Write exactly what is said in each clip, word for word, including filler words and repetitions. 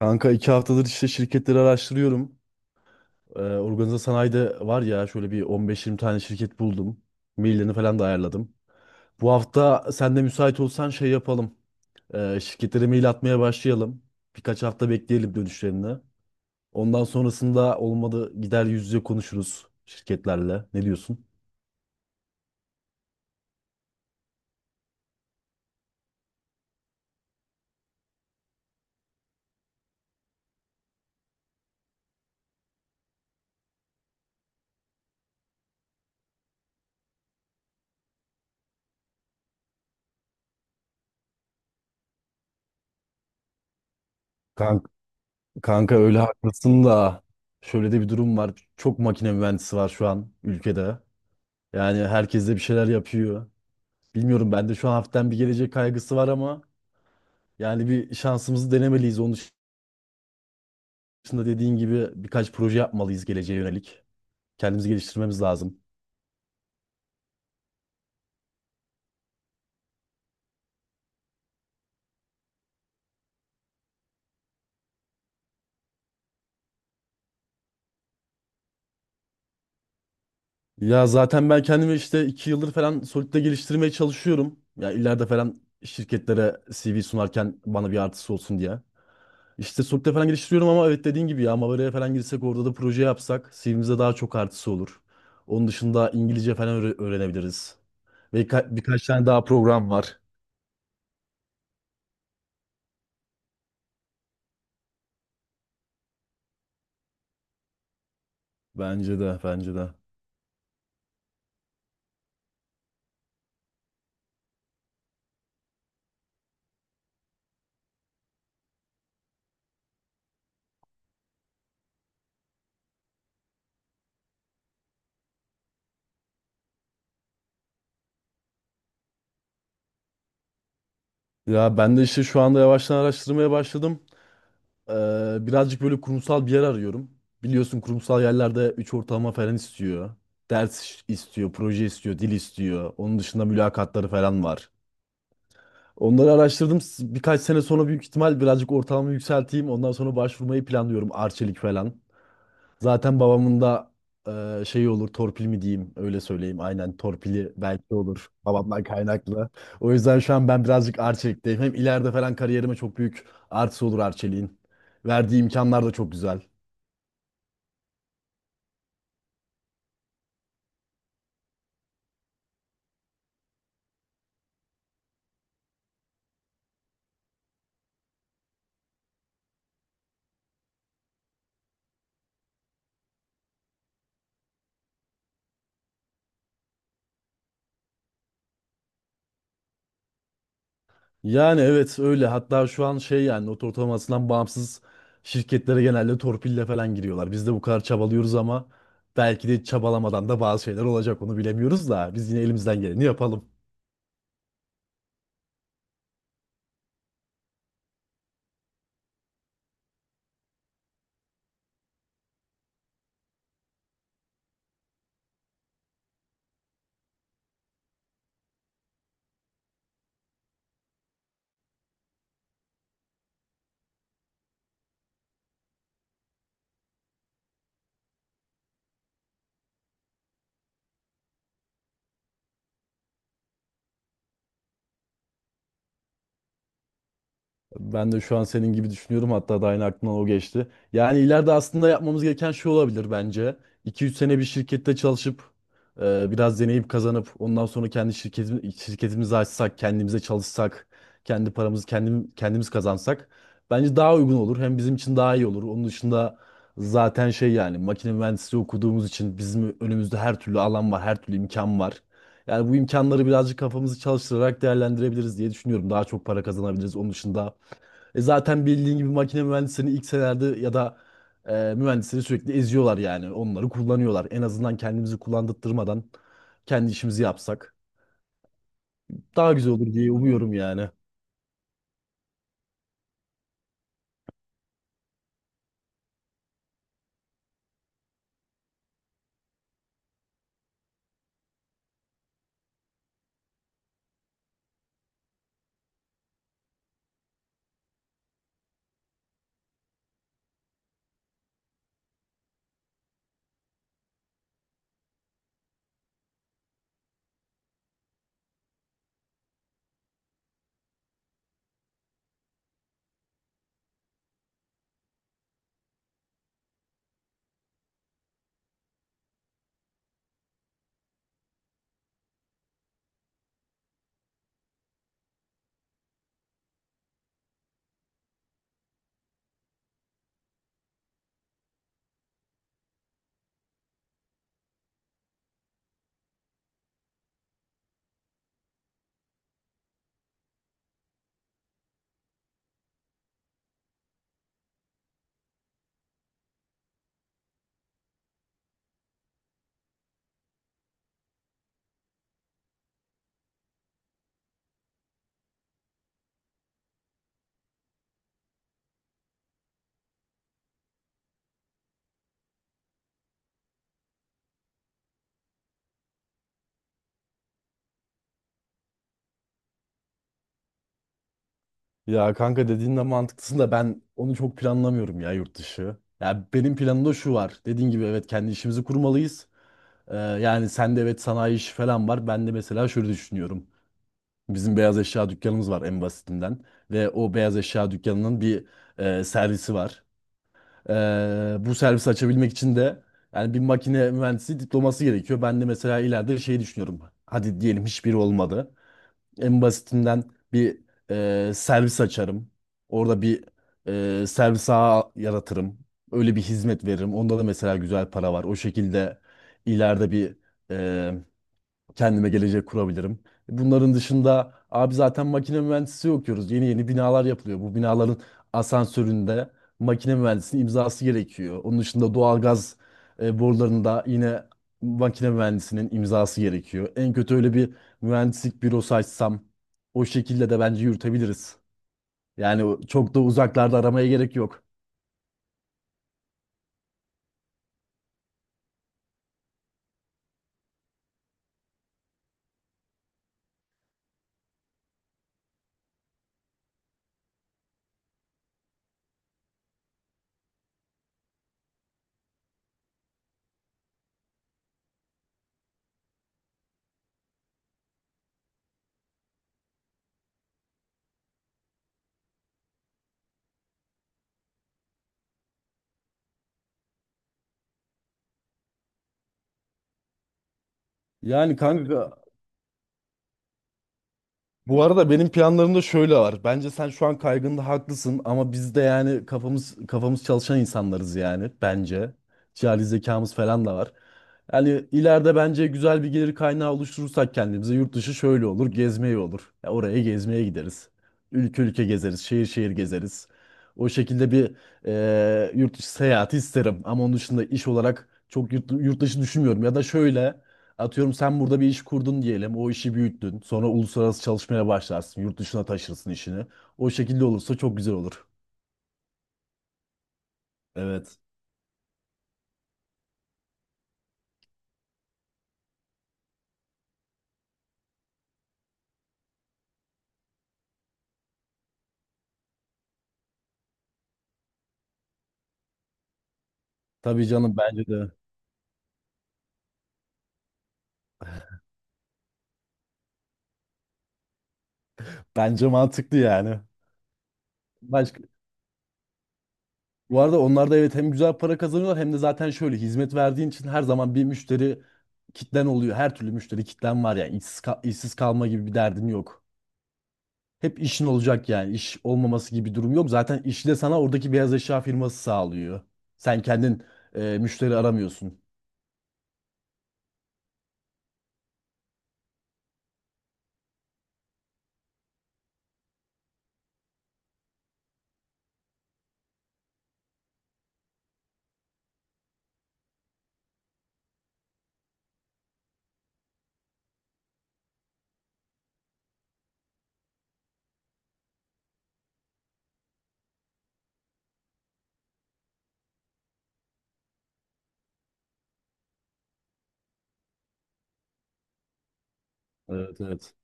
Kanka iki haftadır işte şirketleri araştırıyorum. Ee, organize sanayide var ya şöyle bir on beş yirmi tane şirket buldum. Maillerini falan da ayarladım. Bu hafta sen de müsait olsan şey yapalım. Ee, şirketlere mail atmaya başlayalım. Birkaç hafta bekleyelim dönüşlerini. Ondan sonrasında olmadı gider yüz yüze konuşuruz şirketlerle. Ne diyorsun? Kanka, kanka öyle haklısın da şöyle de bir durum var. Çok makine mühendisi var şu an ülkede. Yani herkes de bir şeyler yapıyor. Bilmiyorum, ben de şu an hafiften bir gelecek kaygısı var ama yani bir şansımızı denemeliyiz. Onun dışında dediğin gibi birkaç proje yapmalıyız geleceğe yönelik. Kendimizi geliştirmemiz lazım. Ya zaten ben kendimi işte iki yıldır falan Solid'de geliştirmeye çalışıyorum. Ya ileride falan şirketlere C V sunarken bana bir artısı olsun diye. İşte Solid'de falan geliştiriyorum ama evet dediğin gibi ya Mavera'ya falan girsek orada da proje yapsak C V'mize daha çok artısı olur. Onun dışında İngilizce falan öğre- öğrenebiliriz. Ve ka- birkaç tane daha program var. Bence de, bence de. Ya ben de işte şu anda yavaştan araştırmaya başladım. Ee, birazcık böyle kurumsal bir yer arıyorum. Biliyorsun kurumsal yerlerde üç ortalama falan istiyor. Ders istiyor, proje istiyor, dil istiyor. Onun dışında mülakatları falan var. Onları araştırdım. S- Birkaç sene sonra büyük ihtimal birazcık ortalamamı yükselteyim. Ondan sonra başvurmayı planlıyorum. Arçelik falan. Zaten babamın da e, şeyi olur, torpil mi diyeyim, öyle söyleyeyim. Aynen, torpili belki olur babamdan kaynaklı. O yüzden şu an ben birazcık Arçelik'teyim. Hem ileride falan kariyerime çok büyük artısı olur Arçelik'in. Verdiği imkanlar da çok güzel. Yani evet öyle. Hatta şu an şey, yani not ortalamasından bağımsız şirketlere genelde torpille falan giriyorlar. Biz de bu kadar çabalıyoruz ama belki de çabalamadan da bazı şeyler olacak, onu bilemiyoruz da biz yine elimizden geleni yapalım. Ben de şu an senin gibi düşünüyorum. Hatta da aynı aklımdan o geçti. Yani ileride aslında yapmamız gereken şey olabilir bence. iki üç sene bir şirkette çalışıp e, biraz deneyip kazanıp ondan sonra kendi şirketimi, şirketimizi açsak, kendimize çalışsak, kendi paramızı kendim, kendimiz kazansak bence daha uygun olur. Hem bizim için daha iyi olur. Onun dışında zaten şey, yani makine mühendisliği okuduğumuz için bizim önümüzde her türlü alan var, her türlü imkan var. Yani bu imkanları birazcık kafamızı çalıştırarak değerlendirebiliriz diye düşünüyorum. Daha çok para kazanabiliriz. Onun dışında e zaten bildiğin gibi makine mühendislerini ilk senelerde ya da e, mühendisleri sürekli eziyorlar yani. Onları kullanıyorlar. En azından kendimizi kullandırtmadan kendi işimizi yapsak daha güzel olur diye umuyorum yani. Ya kanka, dediğin de mantıklısın da ben onu çok planlamıyorum, ya yurt dışı. Ya benim planımda şu var. Dediğin gibi evet, kendi işimizi kurmalıyız. Ee, yani sende evet sanayi işi falan var. Ben de mesela şöyle düşünüyorum. Bizim beyaz eşya dükkanımız var en basitinden. Ve o beyaz eşya dükkanının bir e, servisi var. Ee, bu servisi açabilmek için de yani bir makine mühendisi diploması gerekiyor. Ben de mesela ileride şey düşünüyorum. Hadi diyelim hiçbiri olmadı. En basitinden bir e, servis açarım. Orada bir e, servis ağı yaratırım. Öyle bir hizmet veririm. Onda da mesela güzel para var. O şekilde ileride bir kendime gelecek kurabilirim. Bunların dışında abi zaten makine mühendisliği okuyoruz. Yeni yeni binalar yapılıyor. Bu binaların asansöründe makine mühendisinin imzası gerekiyor. Onun dışında doğalgaz e, borularında yine makine mühendisinin imzası gerekiyor. En kötü öyle bir mühendislik bürosu açsam o şekilde de bence yürütebiliriz. Yani çok da uzaklarda aramaya gerek yok. Yani kanka, bu arada benim planlarım da şöyle var. Bence sen şu an kaygında haklısın ama biz de yani kafamız kafamız çalışan insanlarız yani bence. Cihali zekamız falan da var. Yani ileride bence güzel bir gelir kaynağı oluşturursak kendimize, yurt dışı şöyle olur, gezmeye olur. Ya oraya gezmeye gideriz. Ülke ülke gezeriz, şehir şehir gezeriz. O şekilde bir eee yurt dışı seyahati isterim ama onun dışında iş olarak çok yurt, yurt dışı düşünmüyorum. Ya da şöyle, atıyorum sen burada bir iş kurdun diyelim. O işi büyüttün. Sonra uluslararası çalışmaya başlarsın. Yurt dışına taşırsın işini. O şekilde olursa çok güzel olur. Evet. Tabii canım, bence de. Bence mantıklı yani. Başka, bu arada onlar da evet, hem güzel para kazanıyorlar hem de zaten şöyle hizmet verdiğin için her zaman bir müşteri kitlen oluyor. Her türlü müşteri kitlen var yani. İşsiz, ka- işsiz kalma gibi bir derdin yok. Hep işin olacak yani. İş olmaması gibi bir durum yok. Zaten işi de sana oradaki beyaz eşya firması sağlıyor. Sen kendin e, müşteri aramıyorsun. Evet, evet.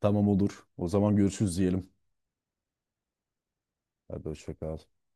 Tamam, olur. O zaman görüşürüz diyelim. Hadi, hoşça kal.